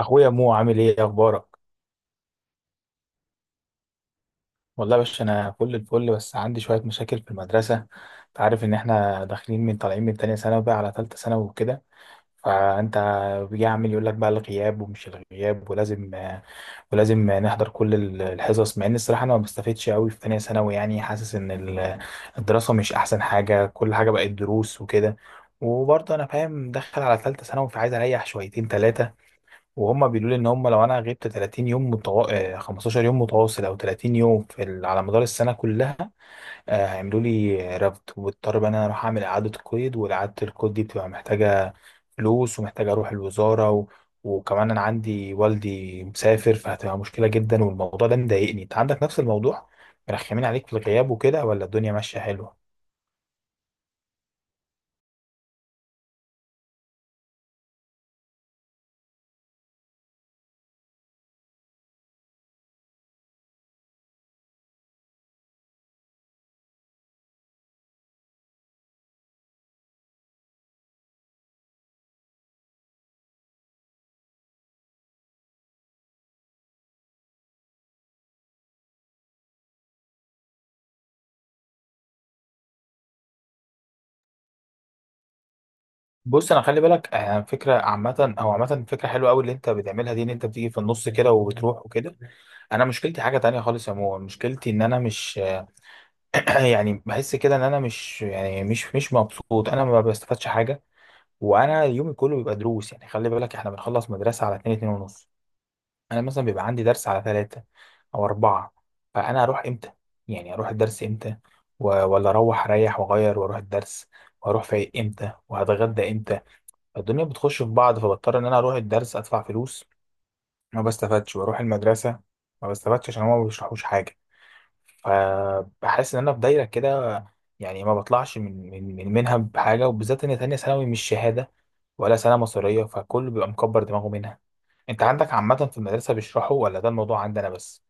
اخويا مو، عامل ايه؟ إيه اخبارك؟ والله يا باشا، انا فل الفل، بس عندي شويه مشاكل في المدرسه. انت عارف ان احنا داخلين من طالعين من تانية ثانوي بقى على تالتة ثانوي وكده. فانت بيجي عامل يقول لك بقى الغياب ومش الغياب، ولازم نحضر كل الحصص. مع ان الصراحه انا ما بستفدش قوي في تانية ثانوي، يعني حاسس ان الدراسه مش احسن حاجه، كل حاجه بقت دروس وكده. وبرضه انا فاهم داخل على تالتة ثانوي، فعايز اريح شويتين تلاتة. وهم بيقولوا لي ان هم لو انا غبت 30 يوم متو... آه، 15 يوم متواصل، او 30 يوم على مدار السنه كلها، هيعملوا لي رفض، واضطر بقى ان انا اروح اعمل اعاده قيد. واعاده القيد دي بتبقى محتاجه فلوس، ومحتاجه اروح الوزاره وكمان انا عندي والدي مسافر، فهتبقى مشكله جدا، والموضوع ده مضايقني. انت عندك نفس الموضوع؟ مرخمين عليك في الغياب وكده، ولا الدنيا ماشيه حلوه؟ بص، انا خلي بالك، فكره عامه او عامه فكره حلوه قوي اللي انت بتعملها دي، ان انت بتيجي في النص كده وبتروح وكده. انا مشكلتي حاجه تانية خالص يا مو، مشكلتي ان انا مش يعني بحس كده ان انا مش، يعني، مش مبسوط. انا ما بستفادش حاجه، وانا يومي كله بيبقى دروس. يعني خلي بالك احنا بنخلص مدرسه على اتنين، اتنين ونص، انا مثلا بيبقى عندي درس على ثلاثة او أربعة. فانا اروح امتى؟ يعني اروح الدرس امتى؟ ولا اروح اريح واغير واروح الدرس؟ واروح فايق امتى؟ وهتغدى امتى؟ الدنيا بتخش في بعض، فبضطر ان انا اروح الدرس ادفع فلوس ما بستفادش، واروح المدرسه ما بستفادش عشان هما ما بيشرحوش حاجه. فبحس ان انا في دايره كده، يعني ما بطلعش من منها بحاجه، وبالذات ان تانية ثانوي مش شهاده ولا سنه مصريه، فكله بيبقى مكبر دماغه منها. انت عندك عامه في المدرسه بيشرحوا، ولا ده الموضوع عندنا بس؟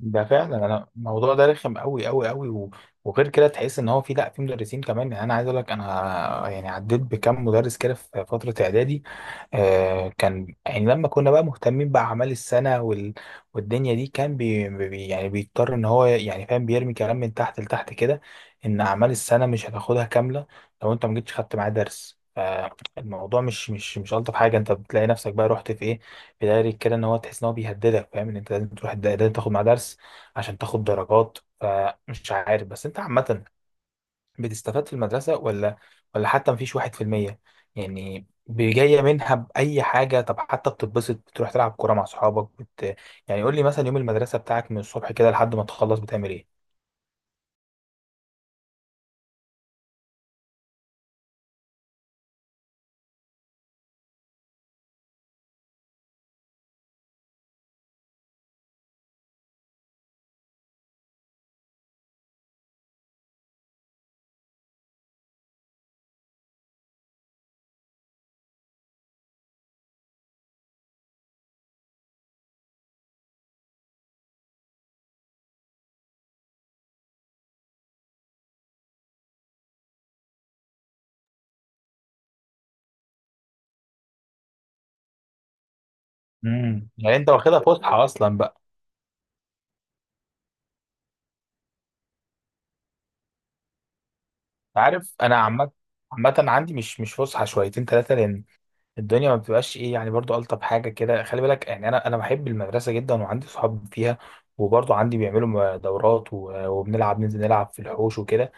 ده فعلا، انا الموضوع ده رخم قوي قوي قوي. وغير كده تحس ان هو في، لا، في مدرسين كمان. يعني انا عايز اقول لك، انا يعني عديت بكم مدرس كده في فتره اعدادي، كان يعني لما كنا بقى مهتمين بأعمال السنة والدنيا دي، كان يعني بيضطر إن هو، يعني فاهم، بيرمي كلام من تحت لتحت كده إن أعمال السنة مش هتاخدها كاملة لو أنت ما جيتش خدت معاه درس. فالموضوع مش ألطف حاجة. أنت بتلاقي نفسك بقى رحت في إيه، في دايرة كده، إن هو تحس إن هو بيهددك، فاهم، إن أنت لازم تروح لازم تاخد معاه درس عشان تاخد درجات. فمش عارف، بس أنت عامة بتستفاد في المدرسة ولا حتى مفيش واحد في المية يعني جاية منها بأي حاجة؟ طب حتى بتتبسط، بتروح تلعب كورة مع صحابك يعني قول لي مثلا، يوم المدرسة بتاعك من الصبح كده لحد ما تخلص بتعمل ايه؟ يعني انت واخدها فسحة اصلا بقى؟ عارف، انا عامة عندي مش فسحة شويتين ثلاثة، لأن الدنيا ما بتبقاش ايه، يعني برضو ألطف حاجة كده. خلي بالك يعني، أنا بحب المدرسة جدا، وعندي صحاب فيها، وبرضو عندي بيعملوا دورات، وبنلعب، ننزل نلعب في الحوش وكده.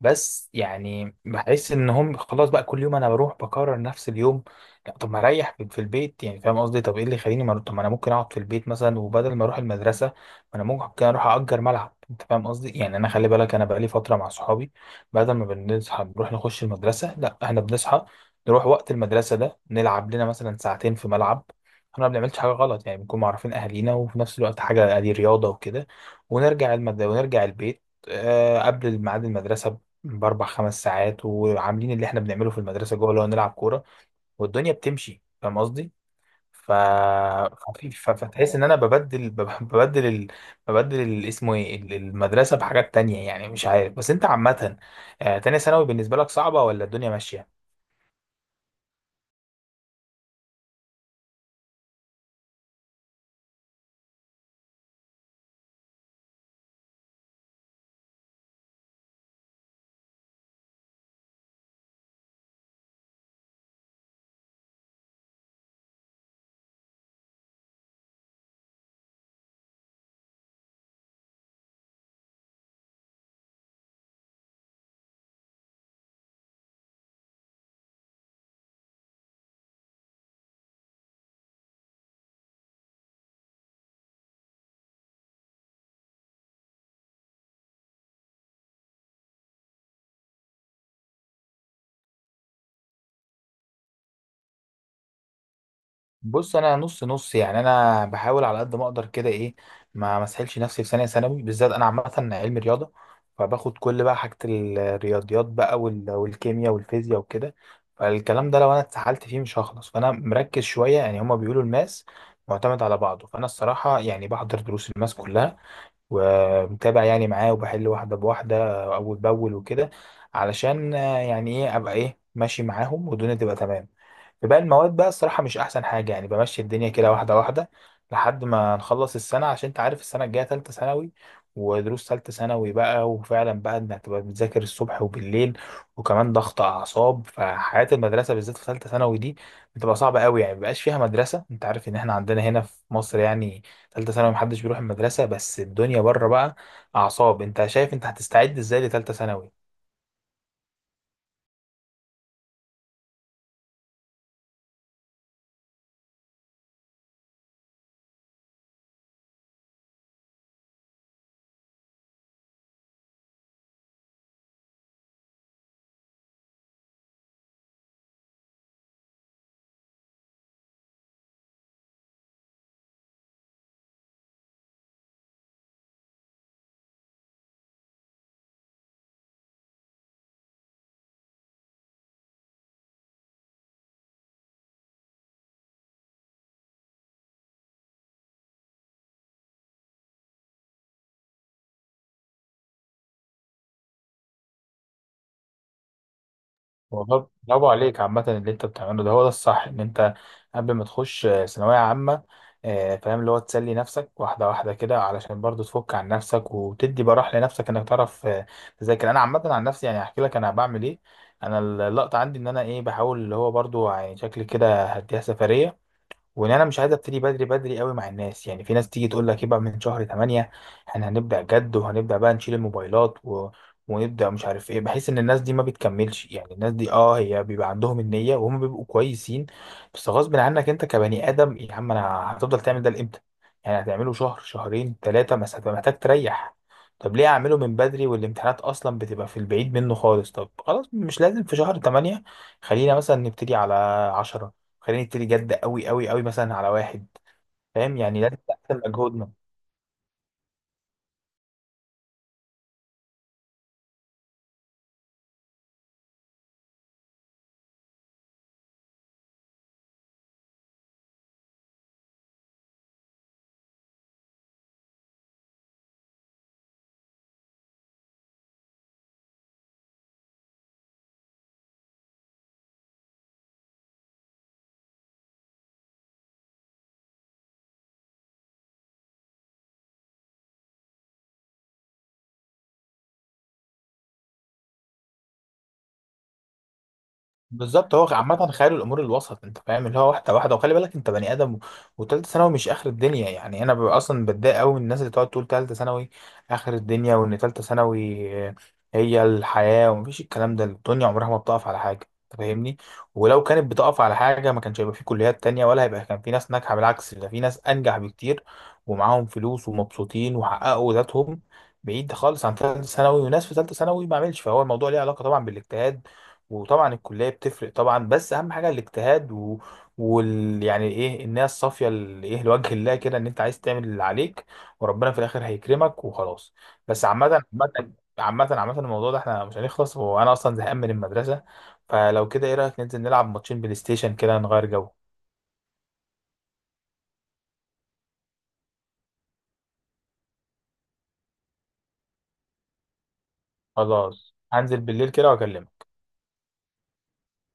بس يعني بحس ان هم خلاص بقى، كل يوم انا بروح بكرر نفس اليوم. لا طب ما اريح في البيت يعني، فاهم قصدي؟ طب ايه اللي يخليني ما أروح- طب ما انا ممكن اقعد في البيت مثلا، وبدل ما اروح المدرسه، ما انا ممكن اروح اجر ملعب. انت فاهم قصدي يعني؟ انا خلي بالك، انا بقالي فتره مع صحابي بدل ما بنصحى نروح نخش المدرسه، لا احنا بنصحى نروح وقت المدرسه ده، نلعب لنا مثلا ساعتين في ملعب. احنا ما بنعملش حاجه غلط يعني، بنكون معرفين اهالينا، وفي نفس الوقت حاجه دي رياضه وكده، ونرجع ونرجع البيت قبل ميعاد المدرسة باربع خمس ساعات، وعاملين اللي احنا بنعمله في المدرسه جوه، اللي هو نلعب كوره. والدنيا بتمشي، فاهم قصدي؟ فتحس ان انا ببدل بب- ببدل ال... ببدل ال... اسمه ايه المدرسه بحاجات تانية يعني. مش عارف، بس انت عامه، تانية ثانوي بالنسبه لك صعبه، ولا الدنيا ماشيه؟ بص، انا نص نص يعني، انا بحاول على قد ما اقدر كده. ايه، ما مسحلش نفسي في ثانيه ثانوي، بالذات انا عامه علم رياضه، فباخد كل بقى حاجه، الرياضيات بقى والكيمياء والفيزياء وكده. فالكلام ده لو انا اتسحلت فيه مش هخلص، فانا مركز شويه. يعني هما بيقولوا الماس معتمد على بعضه، فانا الصراحه يعني بحضر دروس الماس كلها، ومتابع يعني معاه، وبحل واحده بواحده اول باول وكده، علشان يعني ايه، ابقى ايه ماشي معاهم، والدنيا تبقى تمام. في باقي المواد بقى، الصراحة مش أحسن حاجة، يعني بمشي الدنيا كده واحدة واحدة لحد ما نخلص السنة، عشان أنت عارف السنة الجاية تالتة ثانوي، ودروس تالتة ثانوي بقى. وفعلا بقى، إنك تبقى بتذاكر الصبح وبالليل وكمان ضغط أعصاب، فحياة المدرسة بالذات في تالتة ثانوي دي بتبقى صعبة قوي، يعني مبقاش فيها مدرسة. أنت عارف إن إحنا عندنا هنا في مصر يعني تالتة ثانوي محدش بيروح المدرسة، بس الدنيا بره بقى أعصاب. أنت شايف أنت هتستعد إزاي لتالتة ثانوي؟ والله برافو عليك، عامة اللي انت بتعمله ده هو ده الصح. ان انت قبل ما تخش ثانوية عامة، فاهم، اللي هو تسلي نفسك واحدة واحدة كده، علشان برضو تفك عن نفسك، وتدي براح لنفسك انك تعرف تذاكر. انا عامة عن نفسي، يعني احكي لك انا بعمل ايه. انا اللقطة عندي ان انا ايه، بحاول اللي هو برضو، يعني شكلي كده هديها سفرية، وان انا مش عايز ابتدي بدري بدري قوي مع الناس. يعني في ناس تيجي تقول لك يبقى من شهر 8 احنا هنبدا جد، وهنبدا بقى نشيل الموبايلات ونبدا مش عارف ايه. بحس ان الناس دي ما بتكملش، يعني الناس دي هي بيبقى عندهم النيه، وهم بيبقوا كويسين، بس غصب عنك انت كبني ادم يا عم. انا هتفضل تعمل ده لامتى؟ يعني هتعمله شهر، شهرين، ثلاثه، بس هتبقى محتاج تريح. طب ليه اعمله من بدري والامتحانات اصلا بتبقى في البعيد منه خالص؟ طب خلاص، مش لازم في شهر 8، خلينا مثلا نبتدي على 10، خلينا نبتدي جد قوي قوي قوي مثلا على واحد. فاهم؟ يعني لازم نحسن مجهودنا. بالظبط، هو عامة خيال الأمور الوسط، أنت فاهم، اللي هو واحدة واحدة. وخلي بالك أنت بني آدم، وتالتة ثانوي مش آخر الدنيا يعني. أنا ببقى أصلا بتضايق أوي من الناس اللي تقعد تقول تالتة ثانوي آخر الدنيا، وإن تالتة ثانوي هي الحياة، ومفيش الكلام ده. الدنيا عمرها ما بتقف على حاجة، أنت فاهمني؟ ولو كانت بتقف على حاجة ما كانش هيبقى في كليات تانية، ولا هيبقى كان في ناس ناجحة. بالعكس، ده في ناس أنجح بكتير، ومعاهم فلوس، ومبسوطين، وحققوا ذاتهم بعيد خالص عن ثالثة ثانوي. وناس في ثالثة ثانوي ما عملش، فهو الموضوع ليه علاقة طبعا بالاجتهاد، وطبعا الكليه بتفرق طبعا، بس اهم حاجه الاجتهاد و... وال يعني ايه، النيه الصافيه، ال- ايه لوجه الله كده، ان انت عايز تعمل اللي عليك، وربنا في الاخر هيكرمك وخلاص. بس عامه الموضوع ده احنا مش هنخلص، وانا اصلا زهقان من المدرسه. فلو كده، ايه رايك ننزل نلعب ماتشين بلاي ستيشن كده، نغير جو؟ خلاص، هنزل بالليل كده واكلمك.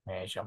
ماشي يا